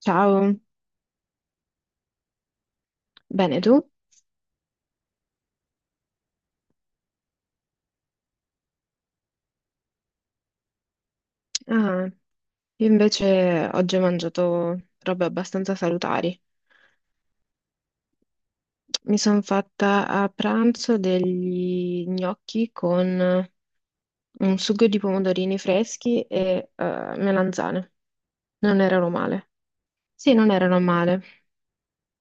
Ciao, bene tu? Ah, io invece oggi ho mangiato robe abbastanza salutari. Mi sono fatta a pranzo degli gnocchi con un sugo di pomodorini freschi e melanzane. Non erano male. Sì, non erano male.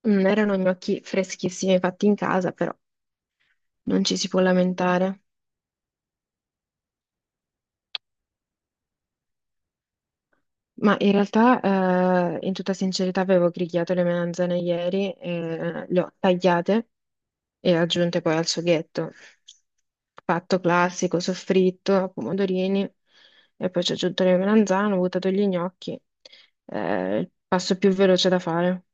Non erano gnocchi freschissimi fatti in casa, però non ci si può lamentare. Ma in realtà, in tutta sincerità, avevo grigliato le melanzane ieri, e le ho tagliate e aggiunte poi al sughetto. Fatto classico, soffritto, pomodorini, e poi ci ho aggiunto le melanzane, ho buttato gli gnocchi. Il passo più veloce da fare.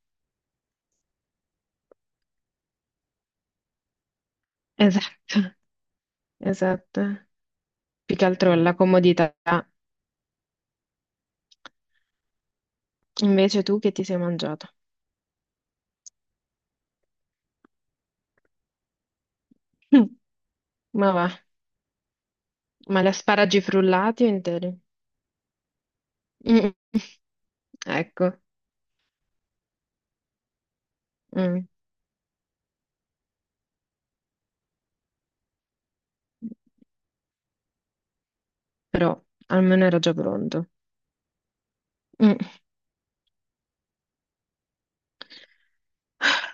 Esatto, esatto. Più che altro la comodità. Invece tu che ti sei mangiato? Mm, ma va, ma gli asparagi frullati o interi? Mm, ecco. Mm. Però almeno era già pronto. Mm.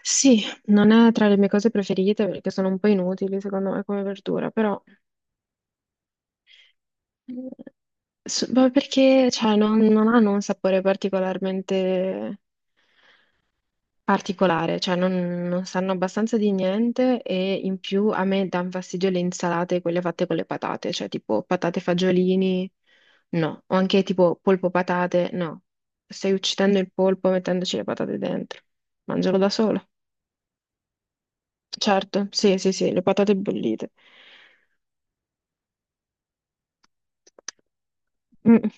Sì, non è tra le mie cose preferite perché sono un po' inutili secondo me come verdura, però eh, ma perché cioè, non hanno un sapore particolarmente particolare, cioè non sanno abbastanza di niente e in più a me danno fastidio le insalate, quelle fatte con le patate, cioè tipo patate fagiolini, no, o anche tipo polpo patate, no, stai uccidendo il polpo mettendoci le patate dentro, mangialo da solo. Certo, sì, sì, sì, le patate bollite. Mm,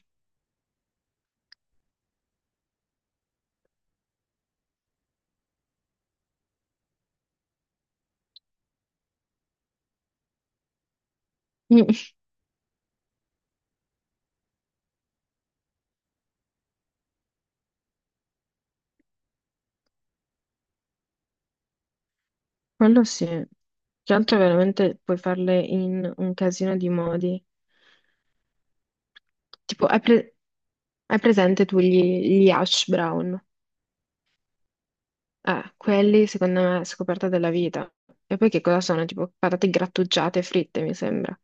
mm, mm, quello sì. Che altro veramente puoi farle in un casino di modi. Tipo, hai presente tu gli hash brown? Quelli secondo me è scoperta della vita. E poi che cosa sono? Tipo patate grattugiate e fritte, mi sembra.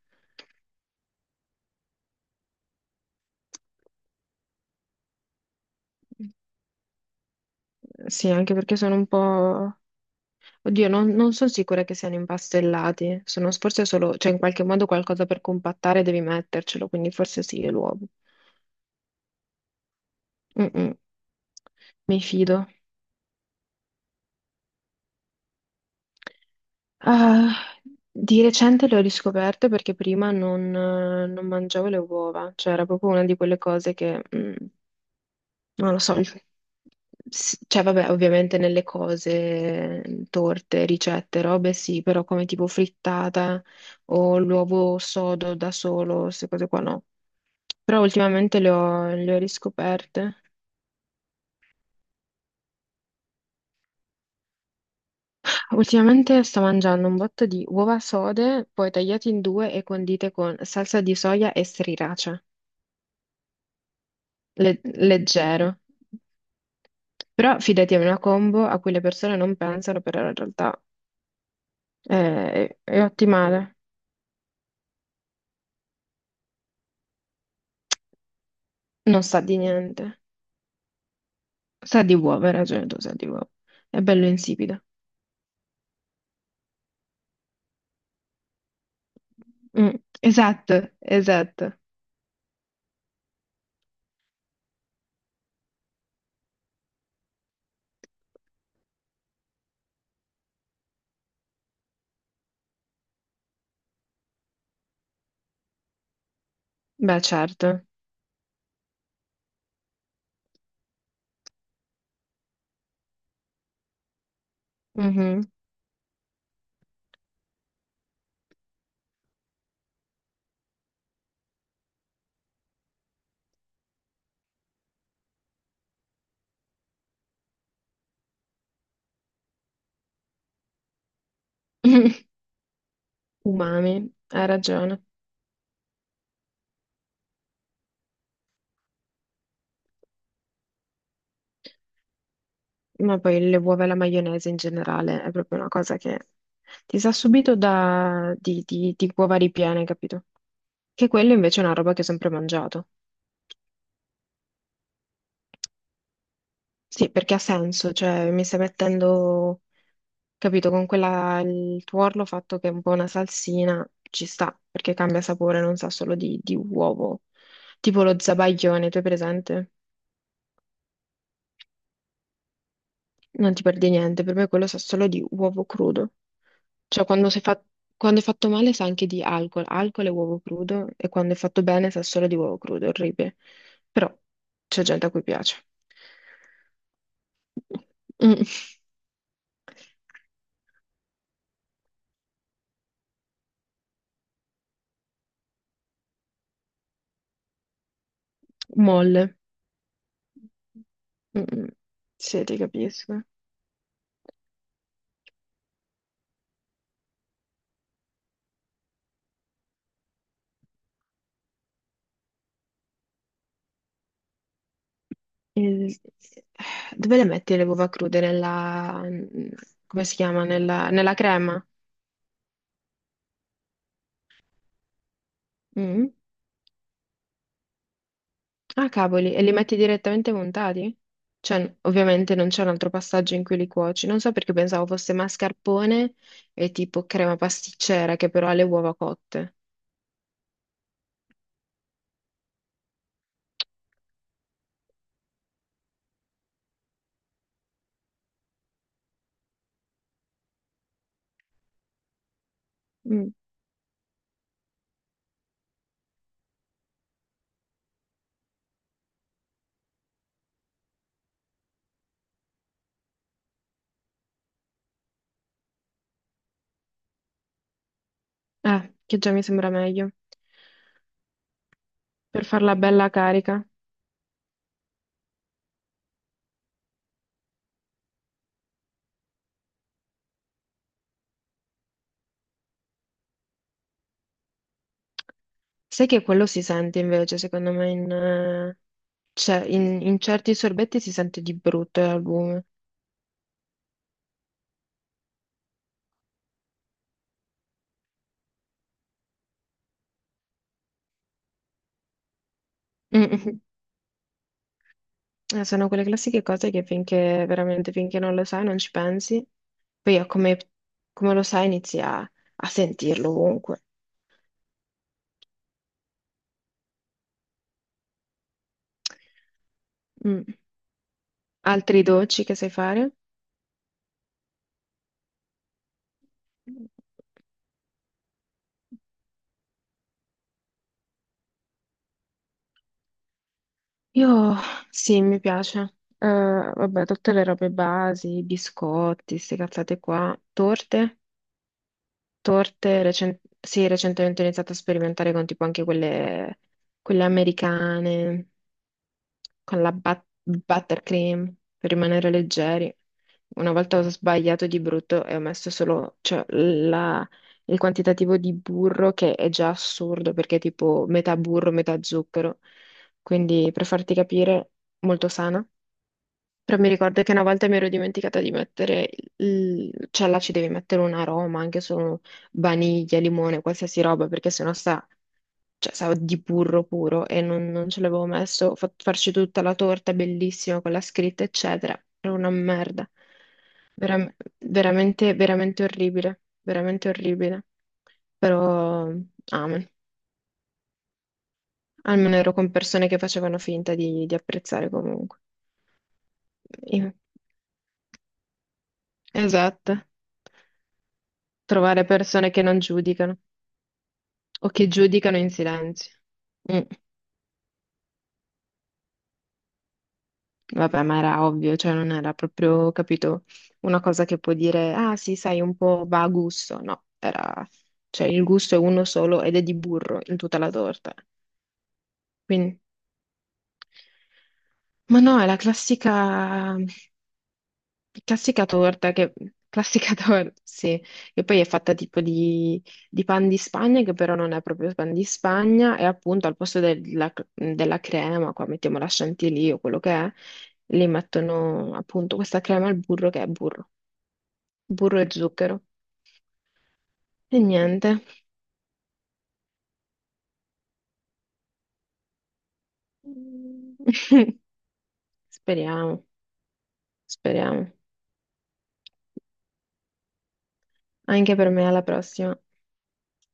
Sì, anche perché sono un po'... Oddio, non sono sicura che siano impastellati. Sono forse solo, cioè in qualche modo qualcosa per compattare devi mettercelo, quindi forse sì, è l'uovo. Mm-mm, mi fido. Ah, di recente le ho riscoperte perché prima non mangiavo le uova, cioè era proprio una di quelle cose che... non lo so, cioè vabbè, ovviamente nelle cose, torte, ricette, robe sì, però come tipo frittata o l'uovo sodo da solo, queste cose qua no. Però ultimamente le ho riscoperte. Ultimamente sto mangiando un botto di uova sode, poi tagliate in due e condite con salsa di soia e sriracha. Leggero. Però fidati, è una combo a cui le persone non pensano, però in realtà è ottimale. Non sa di niente. Sa di uova, hai ragione tu, sa di uova. È bello insipido. Mm, esatto, esatto. Beh, certo. Mhm. Umami, hai ragione. Ma poi le uova e la maionese in generale è proprio una cosa che ti sa subito da... di uova ripiene, capito? Che quella invece è una roba che ho sempre mangiato. Sì, perché ha senso, cioè mi stai mettendo capito, con quella, il tuorlo fatto che è un po' una salsina ci sta, perché cambia sapore, non sa solo di uovo. Tipo lo zabaglione, tu hai presente? Non ti perdi niente, per me quello sa solo di uovo crudo. Cioè, quando è fatto male sa anche di alcol, alcol e uovo crudo, e quando è fatto bene sa solo di uovo crudo, è orribile. Però c'è gente a cui piace. Mm. Molle. Mm, mm. Sì, ti capisco. Il- Dove le metti le uova crude? Come si chiama? Nella crema? Mm? Ah, cavoli, e li metti direttamente montati? Cioè, ovviamente non c'è un altro passaggio in cui li cuoci. Non so perché pensavo fosse mascarpone e tipo crema pasticcera che però ha le uova cotte. Mm. Che già mi sembra meglio per farla bella carica. Sai che quello si sente invece, secondo me, cioè, in certi sorbetti si sente di brutto l'albume. Sono quelle classiche cose che finché veramente finché non lo sai non ci pensi, poi a come, come lo sai inizi a, a sentirlo ovunque. Mm. Altri dolci che sai fare? Io sì, mi piace. Vabbè, tutte le robe basi, biscotti, queste cazzate qua, sì, recentemente ho iniziato a sperimentare con tipo anche quelle americane. Con la buttercream per rimanere leggeri. Una volta ho sbagliato di brutto e ho messo solo, cioè, il quantitativo di burro che è già assurdo perché è tipo metà burro, metà zucchero. Quindi per farti capire, molto sana. Però mi ricordo che una volta mi ero dimenticata di mettere, il... cioè là ci devi mettere un aroma, anche solo vaniglia, limone, qualsiasi roba, perché sennò sta cioè sa di burro puro e non ce l'avevo messo, ho fatto farci tutta la torta bellissima con la scritta, eccetera. Era una merda. Veram- veramente, veramente orribile, veramente orribile. Però, amen. Almeno ero con persone che facevano finta di apprezzare comunque. Io- Esatto. Trovare persone che non giudicano o che giudicano in silenzio. Mm. Vabbè, ma era ovvio, cioè non era proprio, capito, una cosa che può dire, ah sì, sai, un po' va a gusto. No, era, cioè il gusto è uno solo ed è di burro in tutta la torta. Quindi, ma no, è la classica. Classica torta, che... classica torta, sì, che poi è fatta tipo di pan di Spagna, che però non è proprio pan di Spagna, e appunto al posto della crema, qua mettiamo la chantilly o quello che è, li mettono appunto questa crema al burro che è burro, burro e zucchero. E niente. Speriamo, speriamo. Anche per me alla prossima.